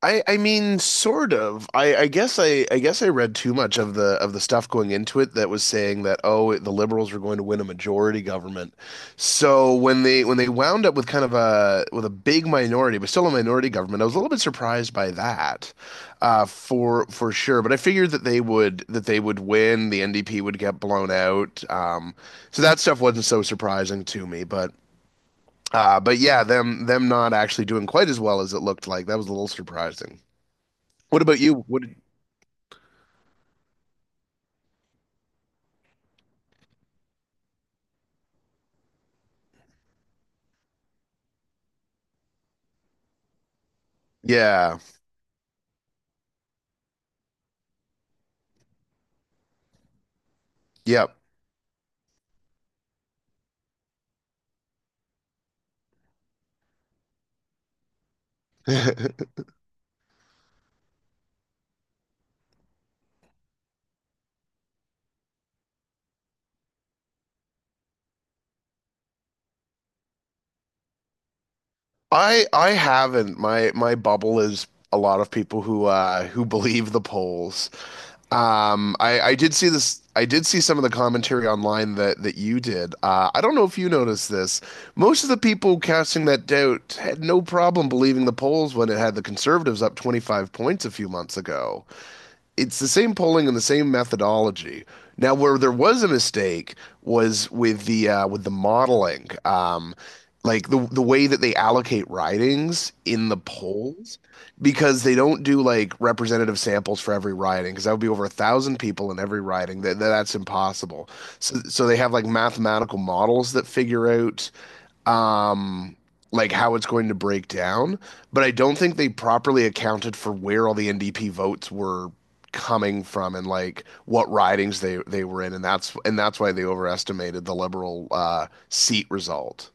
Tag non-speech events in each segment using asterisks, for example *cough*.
I mean sort of. I guess I read too much of the stuff going into it that was saying that oh the liberals were going to win a majority government. So when they wound up with kind of a with a big minority but still a minority government, I was a little bit surprised by that. For sure, but I figured that they would win, the NDP would get blown out. So that stuff wasn't so surprising to me, but yeah, them not actually doing quite as well as it looked like. That was a little surprising. What about you? What? Yeah. Yep. *laughs* I I haven't. My bubble is a lot of people who believe the polls. I did see this. I did see some of the commentary online that you did. I don't know if you noticed this. Most of the people casting that doubt had no problem believing the polls when it had the conservatives up 25 points a few months ago. It's the same polling and the same methodology. Now, where there was a mistake was with the modeling, like the way that they allocate ridings in the polls, because they don't do like representative samples for every riding, because that would be over a thousand people in every riding. That's impossible. So they have like mathematical models that figure out um, like how it's going to break down. But I don't think they properly accounted for where all the NDP votes were coming from and like what ridings they were in, and that's why they overestimated the liberal seat result.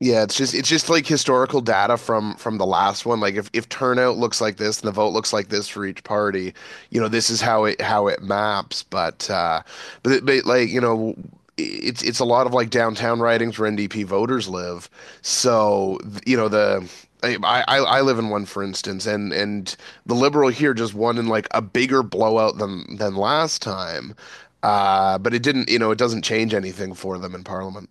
Yeah, it's just like historical data from the last one. Like if turnout looks like this and the vote looks like this for each party, you know, this is how it maps. But but like, you know, it's a lot of like downtown ridings where NDP voters live. So, you know, the I I live in one for instance and the Liberal here just won in like a bigger blowout than last time. But it didn't, you know, it doesn't change anything for them in Parliament.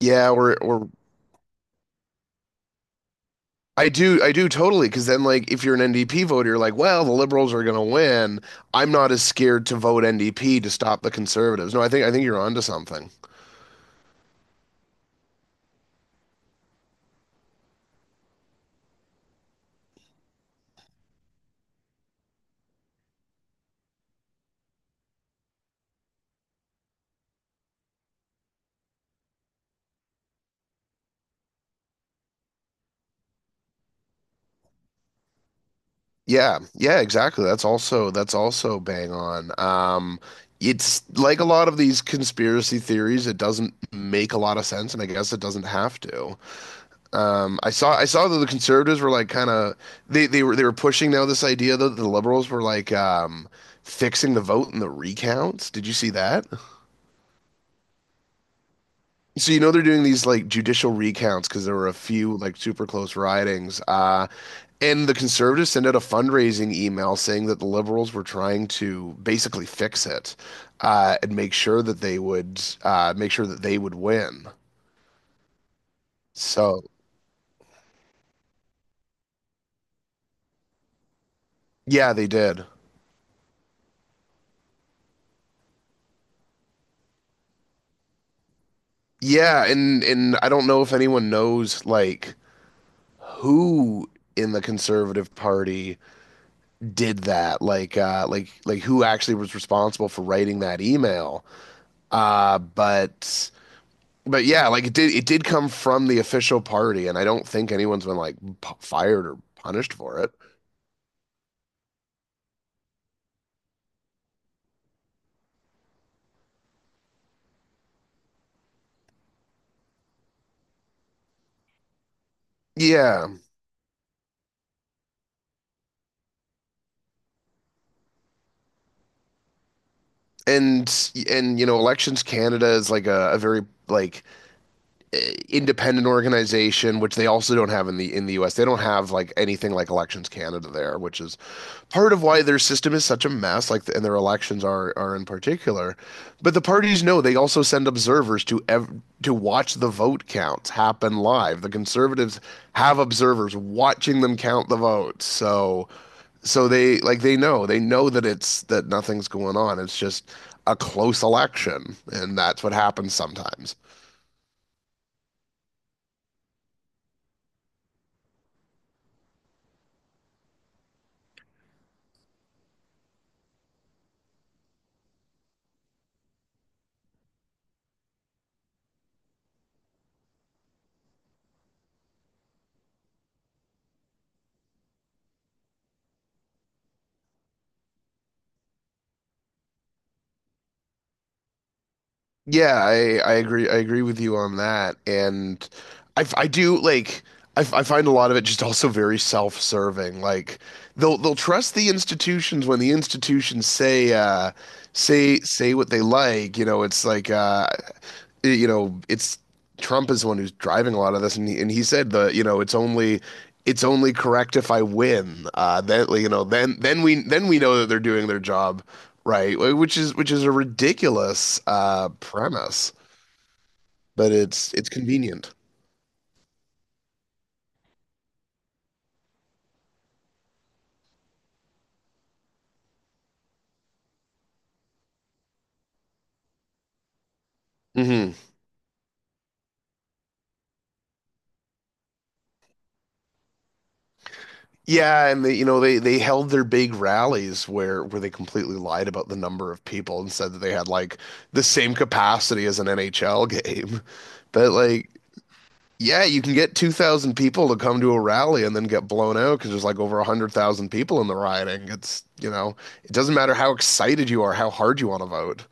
Yeah, we're I do totally. Because then, like, if you're an NDP voter, you're like, well, the liberals are going to win. I'm not as scared to vote NDP to stop the conservatives. No, I think you're onto something. Yeah, yeah, exactly. That's also bang on. It's like a lot of these conspiracy theories. It doesn't make a lot of sense, and I guess it doesn't have to. I saw that the conservatives were like kind of they were pushing now this idea that the liberals were like fixing the vote in the recounts. Did you see that? So you know they're doing these like judicial recounts because there were a few like super close ridings. And the conservatives sent out a fundraising email saying that the liberals were trying to basically fix it and make sure that they would win. So yeah, they did. Yeah, and I don't know if anyone knows like who in the Conservative Party did that, like like who actually was responsible for writing that email. Uh, but But yeah, like it did come from the official party, and I don't think anyone's been like p fired or punished for it. Yeah, and you know, Elections Canada is like a very like uh, independent organization, which they also don't have in the U.S. They don't have like anything like Elections Canada there, which is part of why their system is such a mess. Like, the, and their elections are in particular. But the parties know they also send observers to ev- to watch the vote counts happen live. The Conservatives have observers watching them count the votes, so they know they know that it's that nothing's going on. It's just a close election, and that's what happens sometimes. Yeah, I agree with you on that. And I f- I do like I, f- I find a lot of it just also very self-serving. Like they'll trust the institutions when the institutions say what they like, you know, it's like you know, it's Trump is the one who's driving a lot of this, and he said the you know it's only correct if I win. Then you know then we know that they're doing their job right, which is a ridiculous premise, but it's convenient. Hmm Yeah, and they, you know they held their big rallies where they completely lied about the number of people and said that they had like the same capacity as an NHL *laughs* game, but like yeah, you can get 2,000 people to come to a rally and then get blown out because there's like over 100,000 people in the rioting. It's, you know, it doesn't matter how excited you are, how hard you want to vote.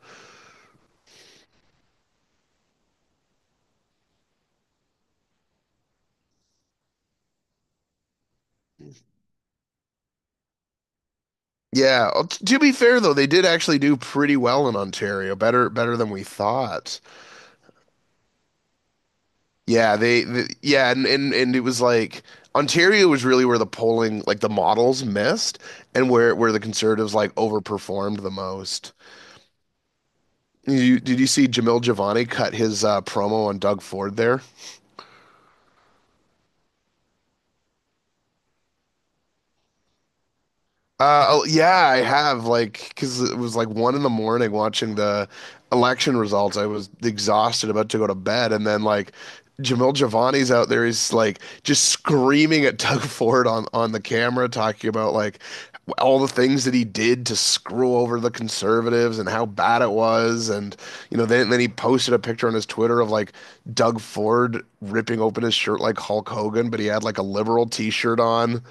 Yeah, to be fair though, they did actually do pretty well in Ontario, better than we thought. Yeah, they yeah, and it was like Ontario was really where the polling, like the models missed and where the conservatives like overperformed the most. You, did you see Jamil Giovanni cut his promo on Doug Ford there? Oh, yeah, I have like because it was like one in the morning watching the election results. I was exhausted, about to go to bed, and then like Jamil Giovanni's out there. He's like just screaming at *laughs* Doug Ford on the camera, talking about like all the things that he did to screw over the conservatives and how bad it was. And you know, then he posted a picture on his Twitter of like Doug Ford ripping open his shirt like Hulk Hogan, but he had like a liberal t-shirt on.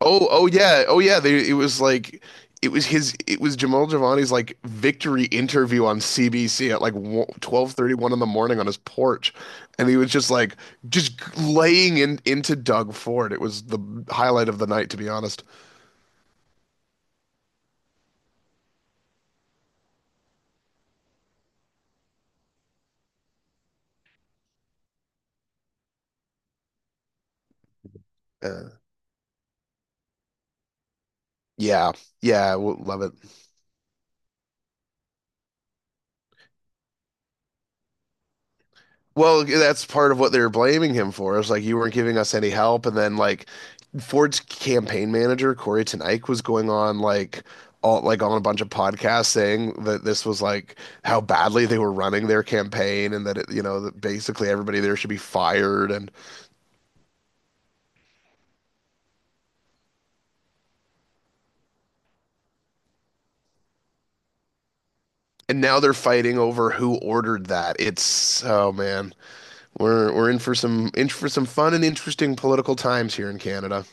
Oh yeah, oh yeah. They, it was like it was Jamal Giovanni's like victory interview on CBC at like 12:31 in the morning on his porch, and he was just like just laying in into Doug Ford. It was the highlight of the night, to be honest. Uh, yeah, yeah, we'll love it. Well, that's part of what they were blaming him for. It's like you weren't giving us any help, and then like Ford's campaign manager Corey Ten Eyck was going on like all like on a bunch of podcasts saying that this was like how badly they were running their campaign, and that it, you know that basically everybody there should be fired, and now they're fighting over who ordered that. It's oh man, we're in for some fun and interesting political times here in Canada.